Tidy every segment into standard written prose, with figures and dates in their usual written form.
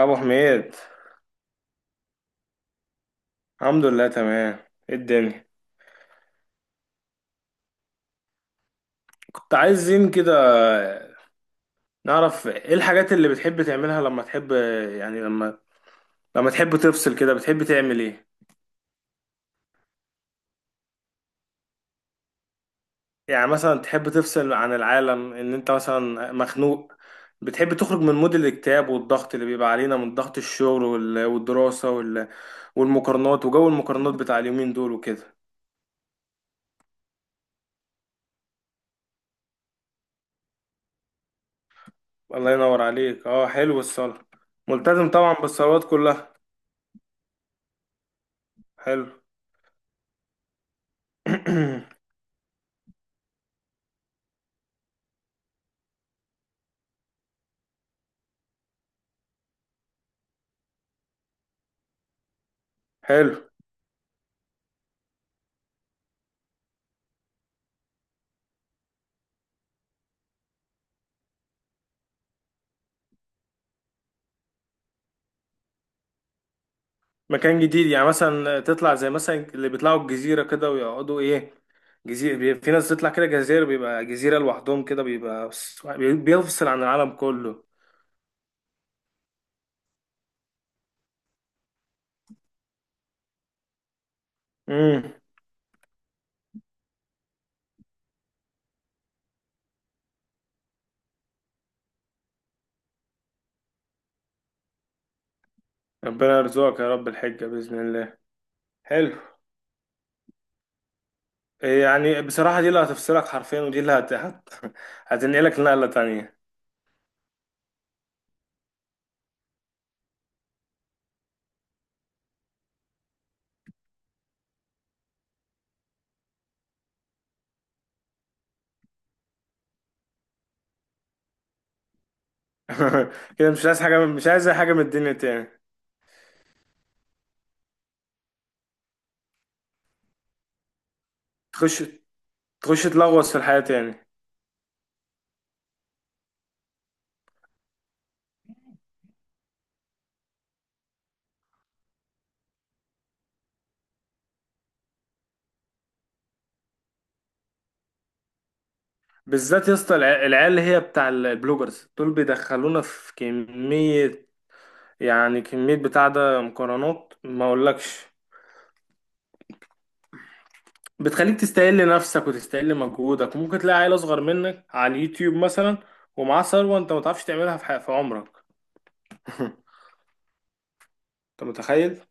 ابو حميد، الحمد لله تمام. ايه الدنيا؟ كنت عايزين كده نعرف ايه الحاجات اللي بتحب تعملها لما تحب. يعني لما تحب تفصل كده بتحب تعمل ايه؟ يعني مثلا تحب تفصل عن العالم ان انت مثلا مخنوق، بتحب تخرج من مود الاكتئاب والضغط اللي بيبقى علينا من ضغط الشغل والدراسة والمقارنات وجو المقارنات بتاع اليومين دول وكده. الله ينور عليك، اه، حلو الصلاة. ملتزم طبعا بالصلوات كلها. حلو. حلو. مكان جديد يعني مثلا تطلع زي مثلا اللي بيطلعوا الجزيرة كده ويقعدوا ايه، في ناس تطلع كده جزيرة بيبقى جزيرة لوحدهم كده بيبقى بيفصل عن العالم كله. امم ربنا يرزقك يا رب الحجة بإذن الله. حلو. إيه، يعني بصراحة دي اللي هتفصلك حرفيا ودي اللي هتنقلك لنقلة تانية. كده مش عايز حاجة، مش عايز أي حاجة من الدنيا تاني. تخش تخش تلغوص في الحياة تاني. بالذات يا اسطى العيال اللي هي بتاع البلوجرز دول بيدخلونا في كمية، يعني كمية بتاع ده مقارنات ما اقولكش. بتخليك تستقل نفسك وتستقل مجهودك، وممكن تلاقي عيل اصغر منك على اليوتيوب مثلا، ومعاه ثروة انت ما تعرفش تعملها في في عمرك. انت متخيل؟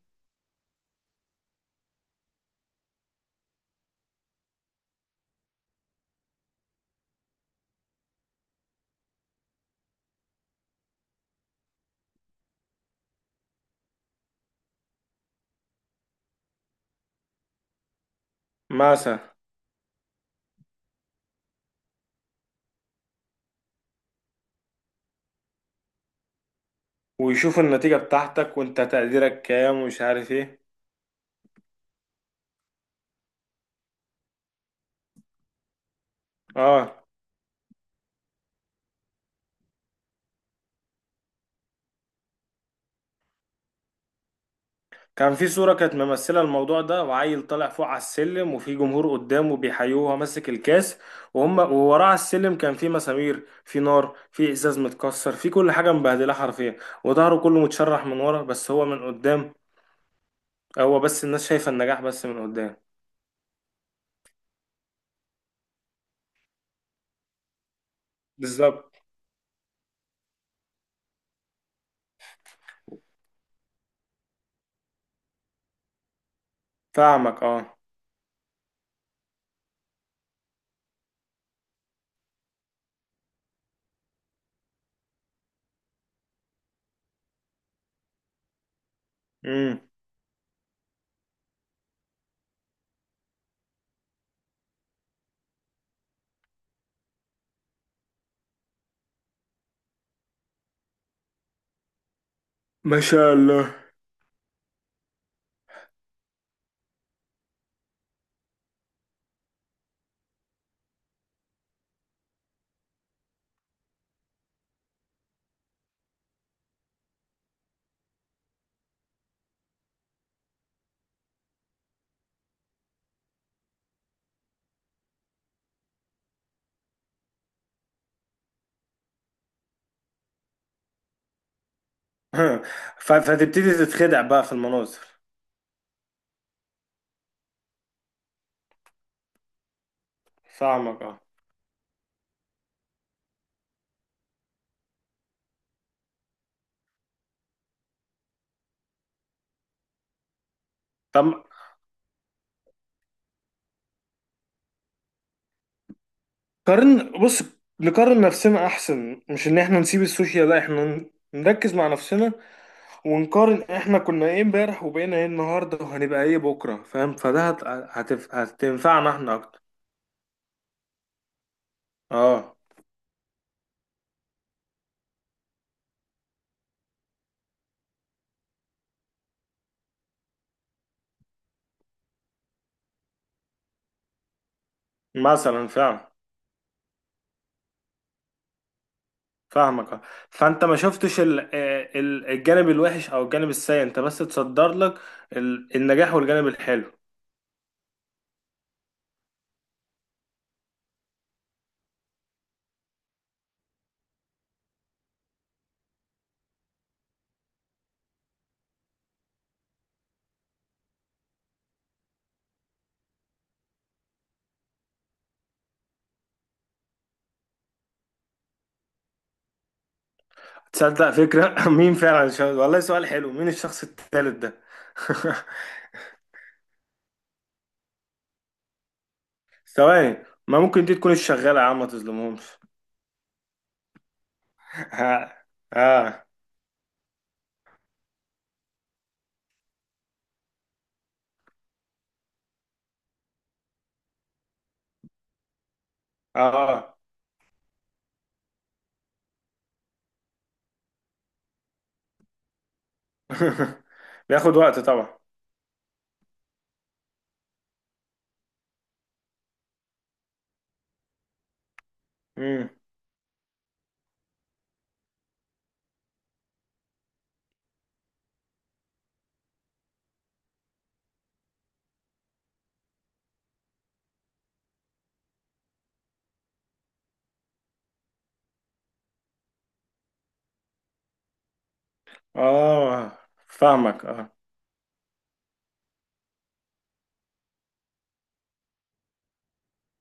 مثلا، ويشوف النتيجة بتاعتك وانت تقديرك كام ومش عارف ايه. اه. كان في صورة كانت ممثلة الموضوع ده وعيل طالع فوق على السلم وفي جمهور قدامه بيحيوه وهو ماسك الكاس، وهم ووراه على السلم كان في مسامير، في نار، في ازاز متكسر، في كل حاجة مبهدلة حرفيا، وظهره كله متشرح من ورا، بس هو من قدام. هو بس الناس شايفة النجاح بس من قدام. بالظبط. فاهمك، اه. امم ما شاء الله. فتبتدي تتخدع بقى في المناظر. فاهمك، اه. طب قارن، بص، نقارن نفسنا احسن، مش ان احنا نسيب السوشيال، لا احنا نركز مع نفسنا ونقارن احنا كنا ايه امبارح وبقينا ايه النهارده وهنبقى ايه بكره، فاهم. فده هتنفعنا احنا اكتر. اه، مثلا فعلا. فاهمك، آه. فانت ما شفتش الجانب الوحش او الجانب السيء، انت بس تصدر لك النجاح والجانب الحلو. تصدق فكرة، مين فعلا والله سؤال حلو، مين الشخص الثالث ده؟ ثواني، ما ممكن دي تكون الشغالة يا عم، ما تظلمهمش. ها، ها، اه. بياخد وقت طبعا. امم اه، فاهمك، اه.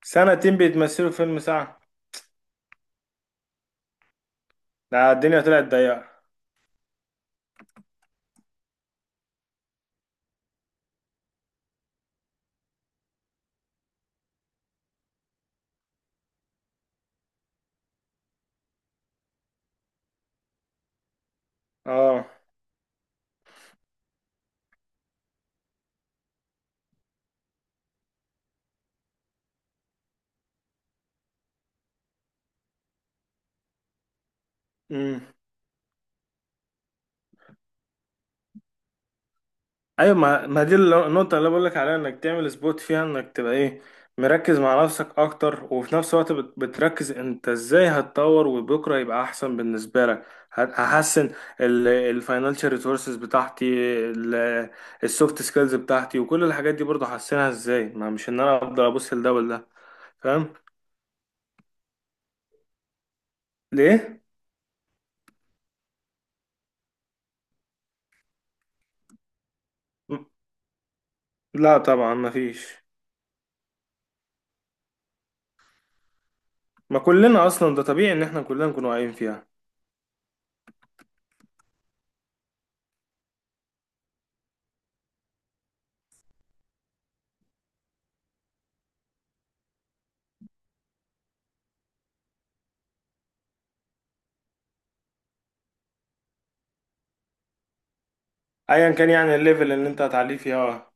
سنتين بيتمثلوا في فيلم ساعة؟ ده الدنيا طلعت ضيقة. اه، امم ايوه، ما دي النقطة اللي بقولك عليها، انك تعمل سبوت فيها، انك تبقى ايه، مركز مع نفسك اكتر وفي نفس الوقت بتركز انت ازاي هتطور وبكرة يبقى احسن بالنسبة لك. هحسن الفاينانشال ريسورسز بتاعتي، السوفت سكيلز بتاعتي، وكل الحاجات دي برضه هحسنها ازاي، ما مش ان انا افضل ابص لده ولا. فاهم؟ ليه؟ م- لا طبعا، ما فيش. ما كلنا اصلا، ده طبيعي ان احنا كلنا نكون واقعين فيها. ايا كان يعني الليفل اللي انت هتعليه فيها، اه.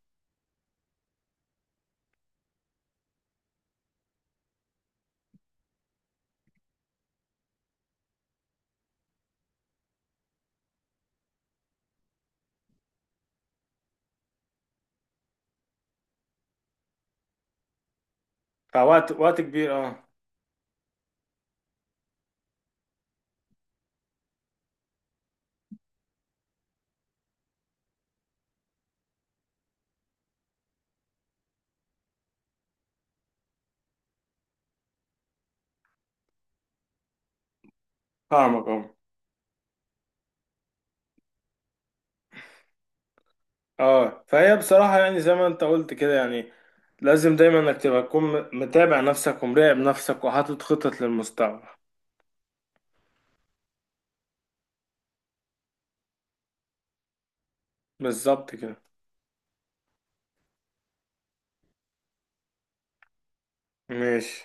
فوقت، وقت كبير، اه. فاهمك، اه. اه، فهي بصراحة يعني زي ما انت قلت كده، يعني لازم دايما انك تبقى تكون متابع نفسك ومراقب نفسك وحاطط خطط للمستقبل. بالظبط كده. ماشي.